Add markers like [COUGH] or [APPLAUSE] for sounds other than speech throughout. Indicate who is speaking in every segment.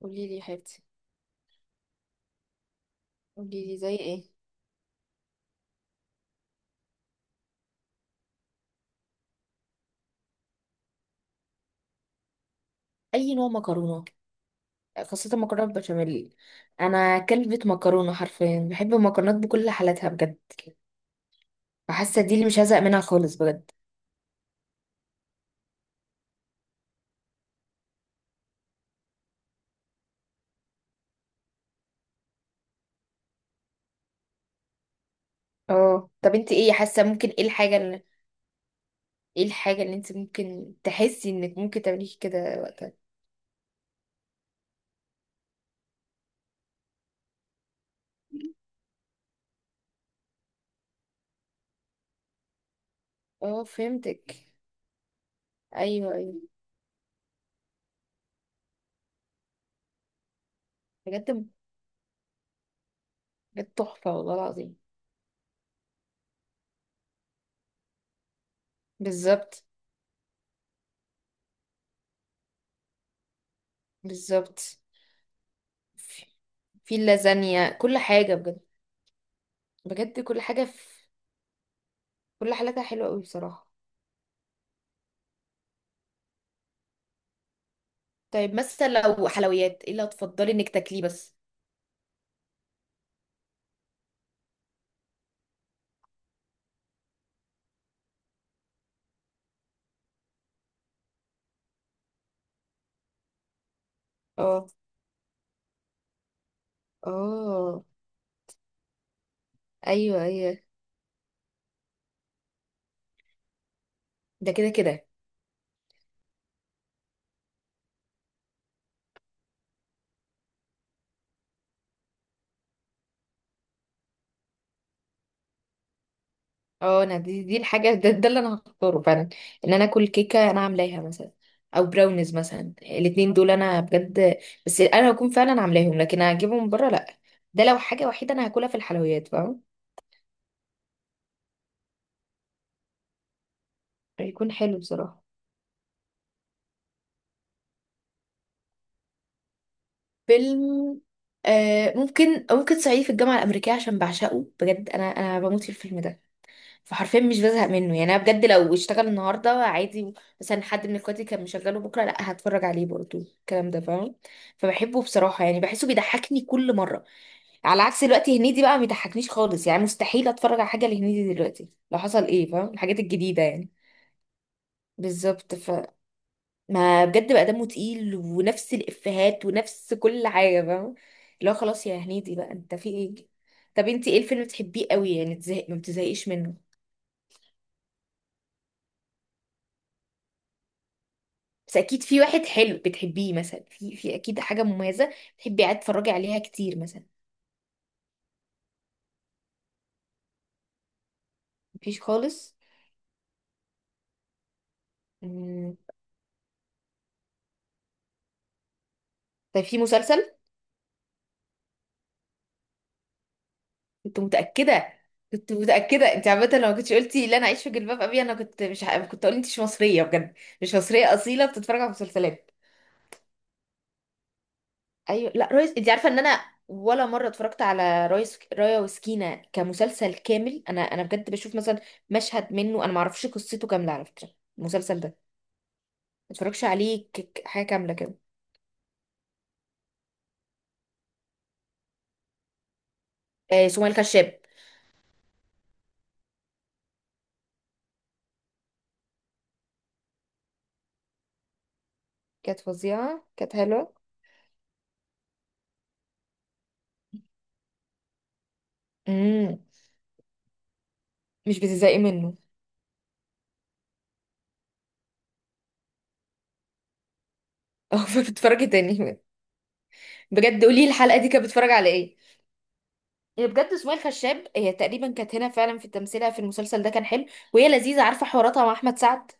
Speaker 1: قولي لي يا حبيبتي. قولي لي زي ايه؟ اي نوع مكرونه، خاصه المكرونه بالبشاميل. انا كلبة مكرونه، حرفيا بحب المكرونات بكل حالاتها بجد. فحاسه دي اللي مش هزهق منها خالص بجد. اه، طب انت ايه حاسه، ممكن ايه الحاجه اللي انت ممكن تحسي انك ممكن تعمليه كده وقتها؟ اه، فهمتك. ايوه، ايوه. بجد، بجد تحفه والله العظيم. بالظبط. بالظبط. في في اللازانيا، كل حاجه بجد. بجد، كل حاجه في كل حالاتها حلوه قوي بصراحه. طيب مثلا لو حلويات، ايه اللي هتفضلي انك تاكليه بس؟ اه. اه. ايوه، ايوه. ده كده كده. اه، انا دي الحاجه [LAUGHS] ده اللي انا هختاره فعلا. ان انا اكل كيكه انا عاملاها مثلا، او براونيز مثلا. الاتنين دول انا بجد، بس انا هكون فعلا عاملاهم، لكن اجيبهم من بره لا. ده لو حاجه وحيده انا هاكلها في الحلويات، فاهم. هيكون حلو بصراحه. فيلم، ممكن صعيدي في الجامعة الأمريكية عشان بعشقه بجد. أنا بموت في الفيلم ده. فحرفيا مش بزهق منه يعني. انا بجد لو اشتغل النهارده عادي، مثلا حد من اخواتي كان مشغله بكره، لا هتفرج عليه برضو الكلام ده، فاهم. فبحبه بصراحه، يعني بحسه بيضحكني كل مره. على عكس دلوقتي، هنيدي بقى ما بيضحكنيش خالص يعني. مستحيل اتفرج على حاجه لهنيدي دلوقتي لو حصل ايه، فاهم، الحاجات الجديده يعني. بالظبط. ف ما بجد بقى دمه تقيل، ونفس الافيهات ونفس كل حاجه، فاهم. اللي هو خلاص يا هنيدي بقى انت في ايه. طب انت ايه الفيلم بتحبيه قوي يعني تزهق ما بتزهقيش منه؟ بس اكيد في واحد حلو بتحبيه مثلا، في اكيد حاجه مميزه بتحبي قاعد تتفرجي عليها كتير مثلا. مفيش خالص. مم. طيب في مسلسل. كنت متاكده. كنت متاكده. انت عامه لو ما كنتش قلتي لا انا اعيش في جلباب ابي، انا كنت مش ه... كنت اقول انت مش مصريه بجد. مش مصريه اصيله بتتفرج على مسلسلات. ايوه لا ريس، انت عارفه ان انا ولا مره اتفرجت على ريس رايا وسكينه كمسلسل كامل. انا بجد بشوف مثلا مشهد منه. انا ما اعرفش قصته كامله على فكره، المسلسل ده. ما اتفرجش عليه حاجه كامله كده. آه، سمية الخشاب. كانت فظيعة، كانت حلوة. امم مش بتزهقي منه. [LAUGHS] او بتتفرجي تاني؟ بجد قولي لي الحلقه دي كانت بتتفرج على ايه. هي بجد سمية الخشاب، هي تقريبا كانت هنا فعلا في تمثيلها في المسلسل ده، كان حلو. وهي لذيذه، عارفه حواراتها مع احمد سعد.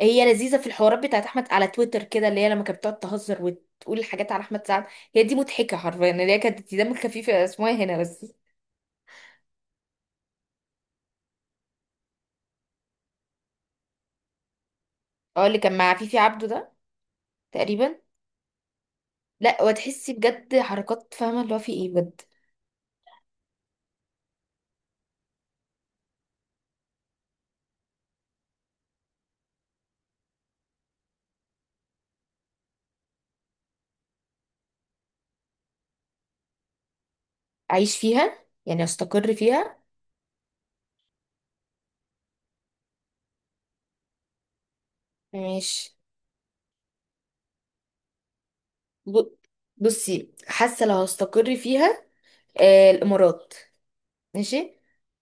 Speaker 1: هي لذيذه في الحوارات بتاعت احمد على تويتر كده، اللي هي لما كانت بتقعد تهزر وتقول حاجات على احمد سعد. هي دي مضحكه حرفيا، اللي هي كانت دم خفيفه، اسمها إيه هنا بس. اه، اللي كان مع فيفي عبده ده، تقريبا. لا وتحسي بجد حركات، فاهمه اللي هو في ايه بجد. أعيش فيها يعني، أستقر فيها. ماشي. ب- بصي، حاسة لو هستقر فيها، الإمارات. ماشي.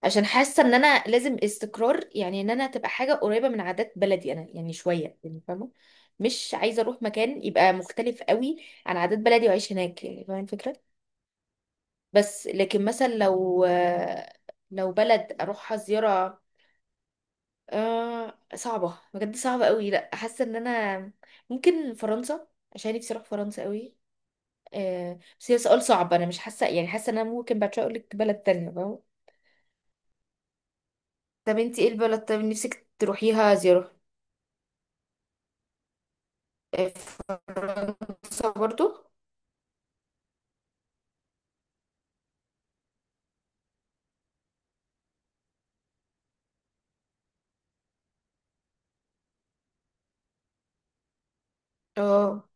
Speaker 1: عشان حاسة إن أنا لازم استقرار، يعني إن أنا تبقى حاجة قريبة من عادات بلدي أنا، يعني شوية يعني فاهمة. مش عايزة أروح مكان يبقى مختلف قوي عن عادات بلدي وأعيش هناك، يعني فاهمة الفكرة. بس لكن مثلا لو لو بلد أروحها زيارة، صعبة بجد، صعبة قوي. لا حاسة ان انا ممكن فرنسا عشان نفسي اروح فرنسا قوي. بس هي سؤال صعب. انا مش حاسة يعني، حاسة ان انا ممكن بعد شوية اقول لك بلد تانية، فاهمة؟ طب انتي ايه البلد طب نفسك تروحيها زيارة؟ آه، فرنسا برضو. اه،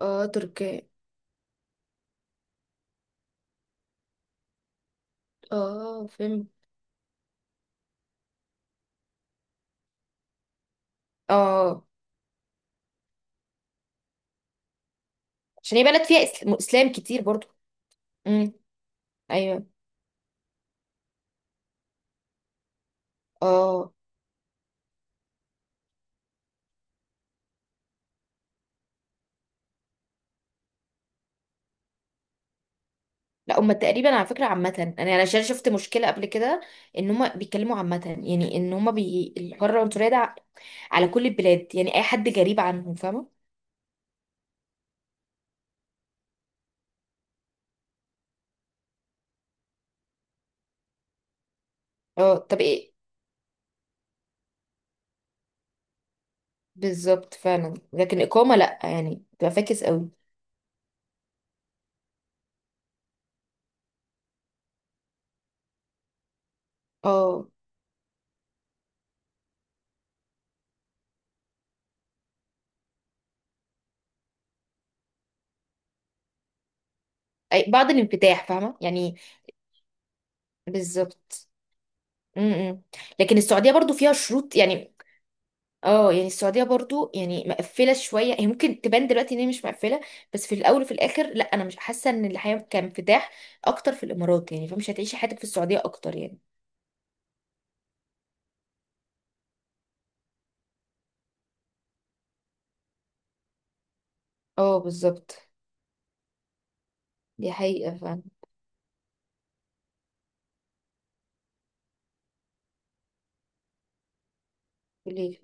Speaker 1: اه، تركيا. اه فهمت. اه، عشان هي بلد فيها اسلام كتير برضو. امم. ايوه. اه، لا هما تقريبا على فكرة عامة، انا يعني عشان شفت مشكلة قبل كده، ان هما بيتكلموا عامة، يعني ان هما الحرة العنصرية ده على كل البلاد، يعني اي حد جريب عنهم فاهمة. اه، طب ايه؟ بالظبط فعلا، لكن إقامة لا يعني، بتبقى فاكس قوي. اه، بعض الانفتاح فاهمة يعني. بالظبط. م- م. لكن السعودية برضو فيها شروط يعني. اه يعني السعودية برضو يعني مقفلة شوية، هي ممكن تبان دلوقتي ان هي مش مقفلة، بس في الاول وفي الاخر لا انا مش حاسة ان الحياة كانفتاح اكتر في الامارات، يعني فمش هتعيشي حياتك في السعودية اكتر يعني. اه بالظبط، دي حقيقة فعلا. ليه؟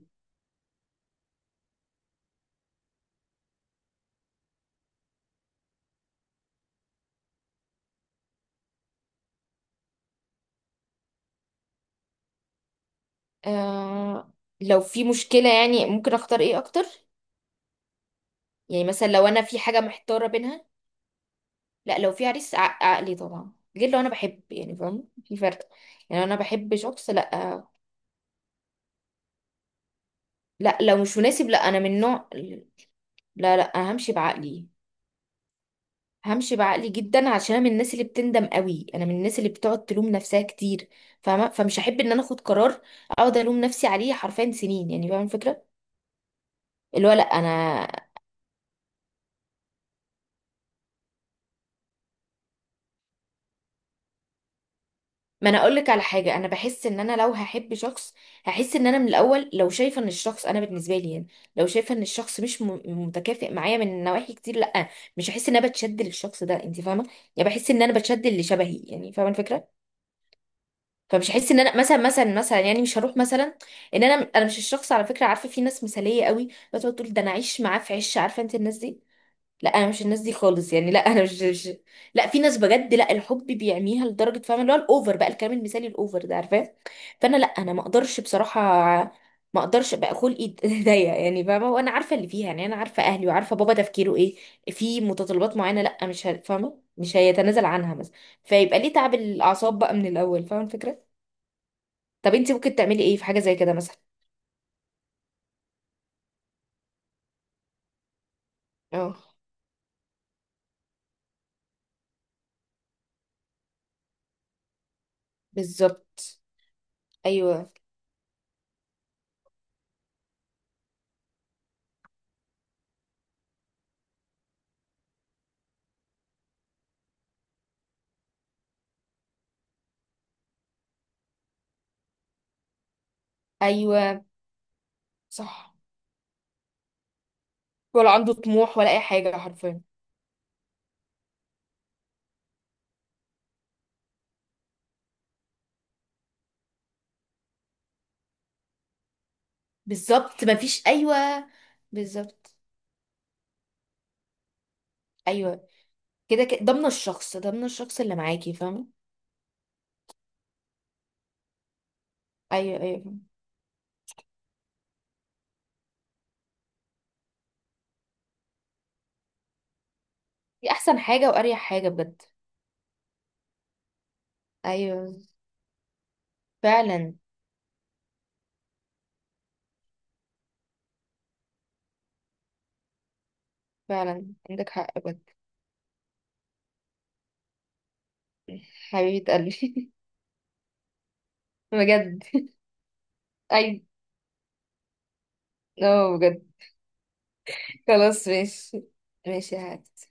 Speaker 1: آه لو في مشكلة يعني، ممكن اختار ايه اكتر؟ يعني مثلا لو انا في حاجة محتارة بينها. لا لو في عريس عقلي طبعا، غير لو انا بحب يعني، فاهم في فرق. يعني انا بحب شخص، لا. لا لو مش مناسب لا، انا من نوع. لا، لا، انا همشي بعقلي. همشي بعقلي جدا، عشان انا من الناس اللي بتندم قوي، انا من الناس اللي بتقعد تلوم نفسها كتير فاهمه. فمش هحب ان انا اخد قرار اقعد الوم نفسي عليه حرفيا سنين، يعني فاهمه الفكره. اللي هو لا انا، ما انا اقول لك على حاجه، انا بحس ان انا لو هحب شخص هحس ان انا من الاول لو شايفه ان الشخص، انا بالنسبه لي يعني، لو شايفه ان الشخص مش متكافئ معايا من نواحي كتير، لا. مش هحس ان انا بتشد للشخص ده، انت فاهمه. يعني بحس ان انا بتشد اللي شبهي، يعني فاهمه الفكره. فمش هحس ان انا مثلا مثلا مثلا يعني مش هروح مثلا. ان انا مش الشخص، على فكره. عارفه في ناس مثاليه قوي بتقعد تقول، ده انا عايش معاه في عش، عارفه انت الناس دي. لا انا مش الناس دي خالص يعني، لا انا مش. لا في ناس بجد، لا الحب بيعميها لدرجه فاهمه، اللي هو الاوفر بقى الكلام المثالي الاوفر ده عارفاه. فانا لا انا ما اقدرش بصراحه. ما اقدرش بقى، خلقي [LAUGHS] ضيق يعني فاهمه. وانا عارفه اللي فيها يعني، انا عارفه اهلي وعارفه بابا تفكيره ايه. في متطلبات معينه، لا مش ه- فاهمه مش هيتنازل عنها مثلا. فيبقى ليه تعب الاعصاب بقى من الاول، فاهمه الفكره. طب انت ممكن تعملي ايه في حاجه زي كده مثلا؟ اه بالظبط. ايوه، ايوه صح. ولا عنده طموح ولا اي حاجه حرفيا. بالظبط مفيش، ايوه. بالظبط. ايوه كده كده ضمن الشخص، ضمن الشخص اللي معاكي فاهمه. ايوه، ايوه فاهمة. دي احسن حاجه واريح حاجه بجد. ايوه فعلا. فعلا عندك حق بجد. حبيبه قلبي. [LAUGHS] بجد. ايوه، اه بجد. خلاص ماشي. ماشي يا حبيبتي.